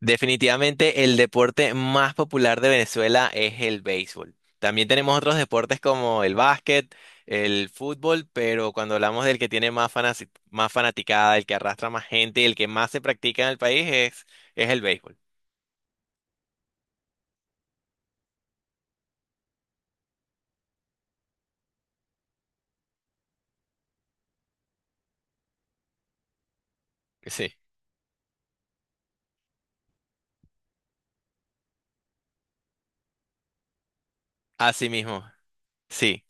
Definitivamente el deporte más popular de Venezuela es el béisbol. También tenemos otros deportes como el básquet, el fútbol, pero cuando hablamos del que tiene más más fanaticada, el que arrastra más gente, el que más se practica en el país es el béisbol. Sí. Así mismo. Sí.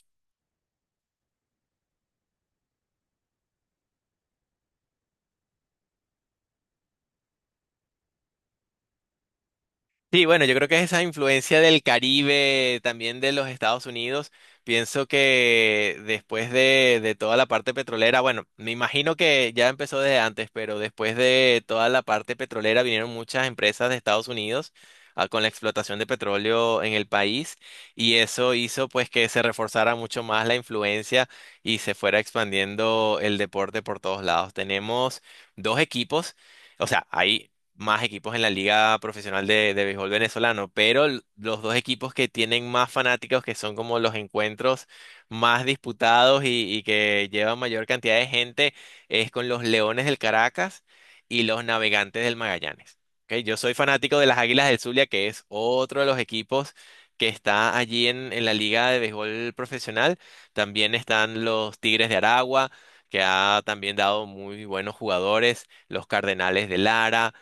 Sí, bueno, yo creo que es esa influencia del Caribe, también de los Estados Unidos. Pienso que después de toda la parte petrolera, bueno, me imagino que ya empezó desde antes, pero después de toda la parte petrolera vinieron muchas empresas de Estados Unidos ah, con la explotación de petróleo en el país y eso hizo pues que se reforzara mucho más la influencia y se fuera expandiendo el deporte por todos lados. Tenemos dos equipos. O sea, hay más equipos en la liga profesional de béisbol venezolano, pero los dos equipos que tienen más fanáticos, que son como los encuentros más disputados y que llevan mayor cantidad de gente, es con los Leones del Caracas y los Navegantes del Magallanes. ¿Ok? Yo soy fanático de las Águilas del Zulia, que es otro de los equipos que está allí en la liga de béisbol profesional. También están los Tigres de Aragua, que ha también dado muy buenos jugadores, los Cardenales de Lara.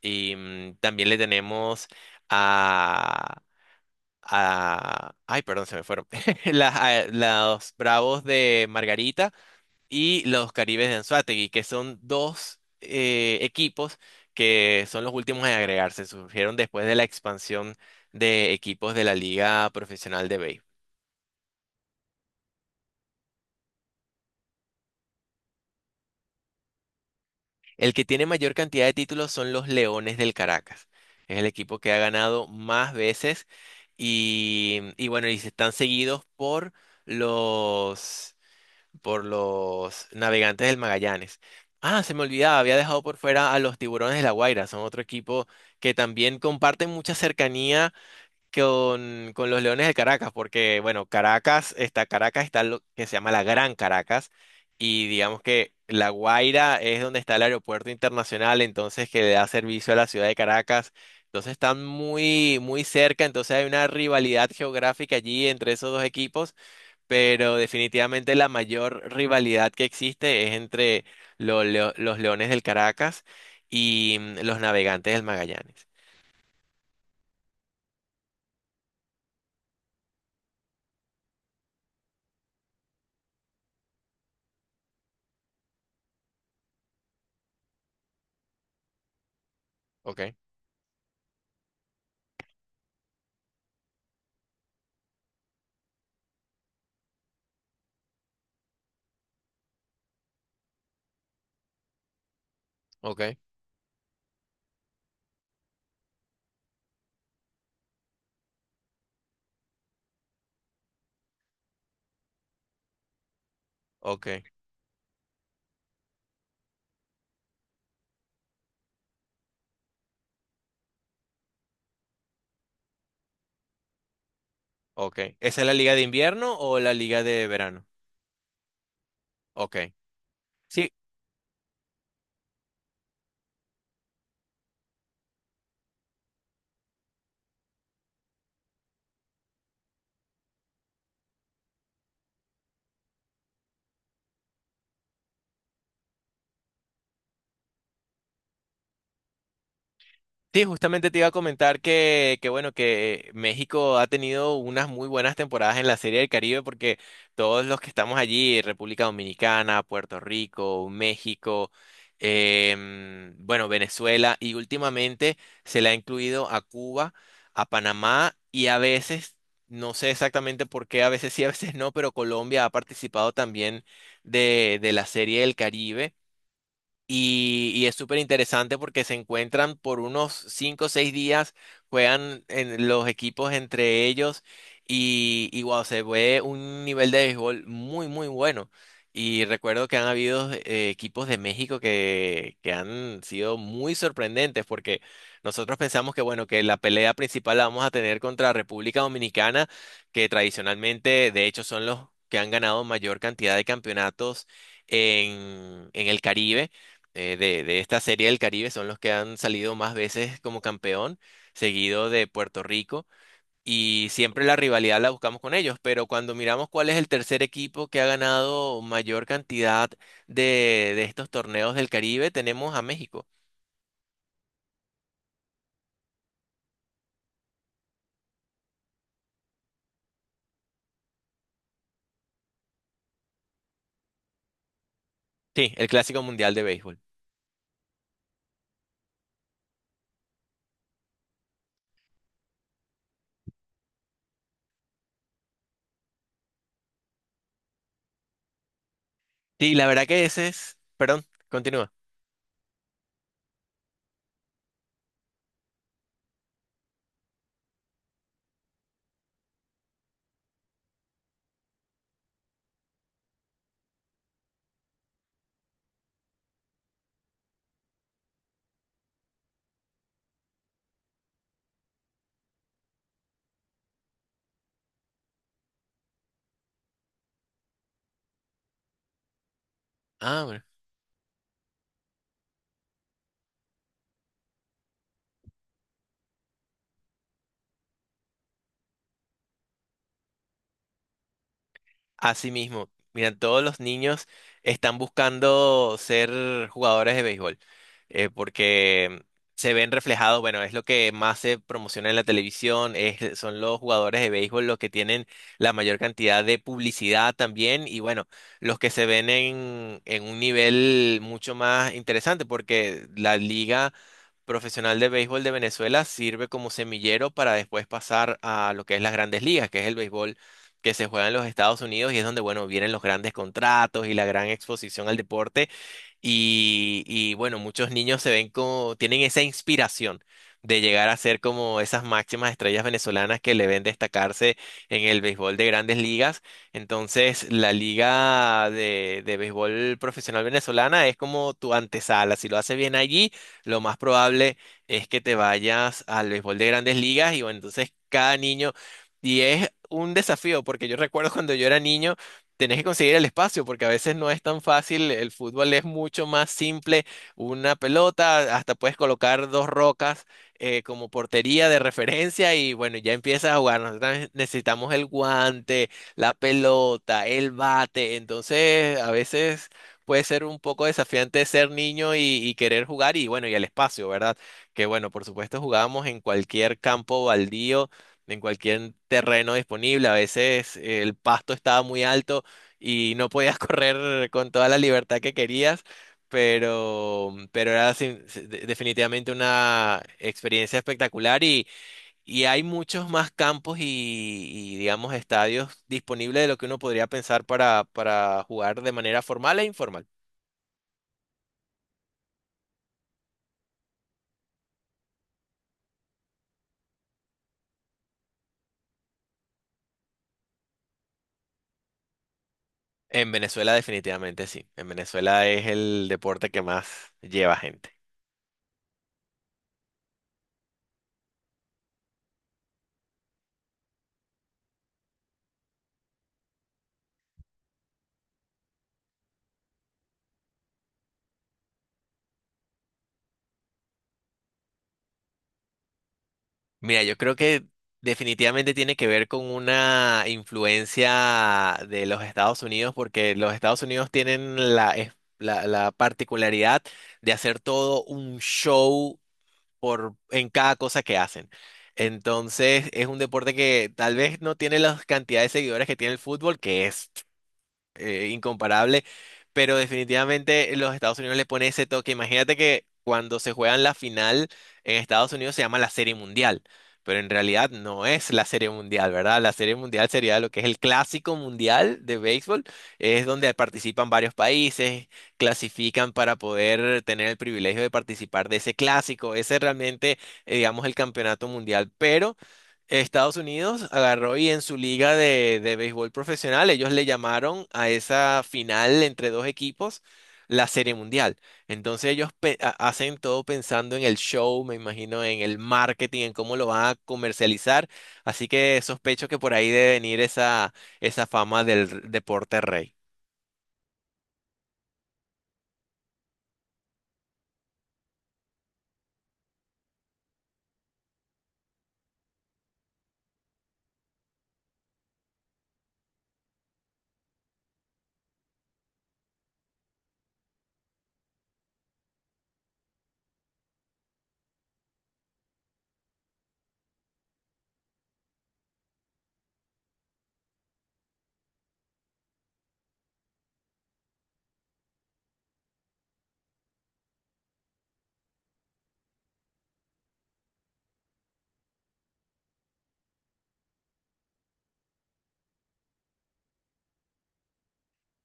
Y también le tenemos a, Ay, perdón, se me fueron. Los Bravos de Margarita y los Caribes de Anzoátegui, que son dos equipos que son los últimos en agregarse. Surgieron después de la expansión de equipos de la Liga Profesional de Béisbol. El que tiene mayor cantidad de títulos son los Leones del Caracas. Es el equipo que ha ganado más veces y bueno, y se están seguidos los, por los Navegantes del Magallanes. Ah, se me olvidaba, había dejado por fuera a los Tiburones de La Guaira. Son otro equipo que también comparten mucha cercanía con los Leones de Caracas, porque bueno, Caracas está lo que se llama la Gran Caracas, y digamos que La Guaira es donde está el aeropuerto internacional, entonces que le da servicio a la ciudad de Caracas. Entonces están muy, muy cerca, entonces hay una rivalidad geográfica allí entre esos dos equipos, pero definitivamente la mayor rivalidad que existe es entre los Leones del Caracas y los Navegantes del Magallanes. Ok, ok, ok. Ok. ¿Esa es la liga de invierno o la liga de verano? Ok. Sí, sí, justamente te iba a comentar que bueno, que México ha tenido unas muy buenas temporadas en la Serie del Caribe porque todos los que estamos allí, República Dominicana, Puerto Rico, México, bueno, Venezuela y últimamente se le ha incluido a Cuba, a Panamá y a veces, no sé exactamente por qué, a veces sí, a veces no, pero Colombia ha participado también de la Serie del Caribe. Y es súper interesante porque se encuentran por unos cinco o seis días, juegan en los equipos entre ellos y wow, se ve un nivel de béisbol muy, muy bueno. Y recuerdo que han habido equipos de México que han sido muy sorprendentes porque nosotros pensamos que, bueno, que la pelea principal la vamos a tener contra República Dominicana, que tradicionalmente, de hecho, son los que han ganado mayor cantidad de campeonatos en el Caribe de esta serie del Caribe son los que han salido más veces como campeón, seguido de Puerto Rico, y siempre la rivalidad la buscamos con ellos, pero cuando miramos cuál es el tercer equipo que ha ganado mayor cantidad de estos torneos del Caribe, tenemos a México. Sí, el Clásico Mundial de Béisbol. Sí, la verdad que ese es... Perdón, continúa. Ah, bueno. Así mismo, mira, todos los niños están buscando ser jugadores de béisbol, porque se ven reflejados, bueno, es lo que más se promociona en la televisión, son los jugadores de béisbol los que tienen la mayor cantidad de publicidad también, y bueno, los que se ven en un nivel mucho más interesante, porque la liga profesional de béisbol de Venezuela sirve como semillero para después pasar a lo que es las grandes ligas, que es el béisbol que se juega en los Estados Unidos y es donde, bueno, vienen los grandes contratos y la gran exposición al deporte. Y bueno, muchos niños se ven como, tienen esa inspiración de llegar a ser como esas máximas estrellas venezolanas que le ven destacarse en el béisbol de grandes ligas. Entonces, la liga de béisbol profesional venezolana es como tu antesala. Si lo haces bien allí, lo más probable es que te vayas al béisbol de grandes ligas y bueno, entonces cada niño, y es un desafío, porque yo recuerdo cuando yo era niño, tenés que conseguir el espacio porque a veces no es tan fácil, el fútbol es mucho más simple, una pelota, hasta puedes colocar dos rocas como portería de referencia y bueno, ya empiezas a jugar. Nosotros necesitamos el guante, la pelota, el bate, entonces a veces puede ser un poco desafiante ser niño y querer jugar y bueno, y el espacio, ¿verdad? Que bueno, por supuesto jugábamos en cualquier campo baldío. En cualquier terreno disponible, a veces el pasto estaba muy alto y no podías correr con toda la libertad que querías, pero era definitivamente una experiencia espectacular y hay muchos más campos y, digamos, estadios disponibles de lo que uno podría pensar para jugar de manera formal e informal. En Venezuela definitivamente sí. En Venezuela es el deporte que más lleva gente. Mira, yo creo que definitivamente tiene que ver con una influencia de los Estados Unidos, porque los Estados Unidos tienen la particularidad de hacer todo un show por, en cada cosa que hacen. Entonces, es un deporte que tal vez no tiene la cantidad de seguidores que tiene el fútbol, que es incomparable, pero definitivamente los Estados Unidos le pone ese toque. Imagínate que cuando se juegan la final en Estados Unidos se llama la Serie Mundial, pero en realidad no es la Serie Mundial, ¿verdad? La Serie Mundial sería lo que es el Clásico Mundial de béisbol, es donde participan varios países, clasifican para poder tener el privilegio de participar de ese clásico. Ese realmente, digamos, el campeonato mundial, pero Estados Unidos agarró y en su liga de béisbol profesional, ellos le llamaron a esa final entre dos equipos la Serie Mundial. Entonces ellos hacen todo pensando en el show, me imagino, en el marketing, en cómo lo van a comercializar. Así que sospecho que por ahí debe venir esa fama del deporte rey.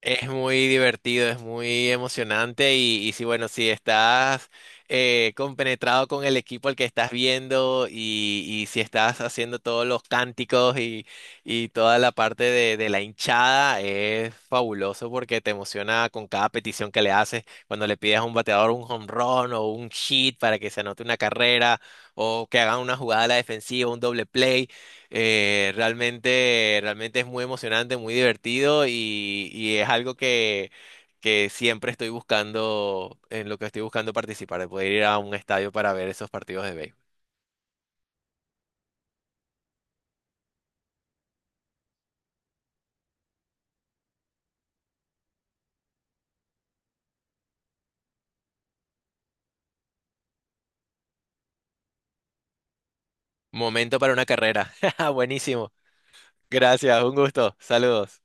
Es muy divertido, es muy emocionante y sí, bueno, si estás compenetrado con el equipo al que estás viendo y si estás haciendo todos los cánticos y toda la parte de la hinchada, es fabuloso porque te emociona con cada petición que le haces, cuando le pides a un bateador un home run o un hit para que se anote una carrera o que hagan una jugada a la defensiva, un doble play. Realmente, realmente es muy emocionante, muy divertido y es algo que siempre estoy buscando, en lo que estoy buscando participar, de poder ir a un estadio para ver esos partidos de béisbol. Momento para una carrera. Buenísimo. Gracias, un gusto. Saludos.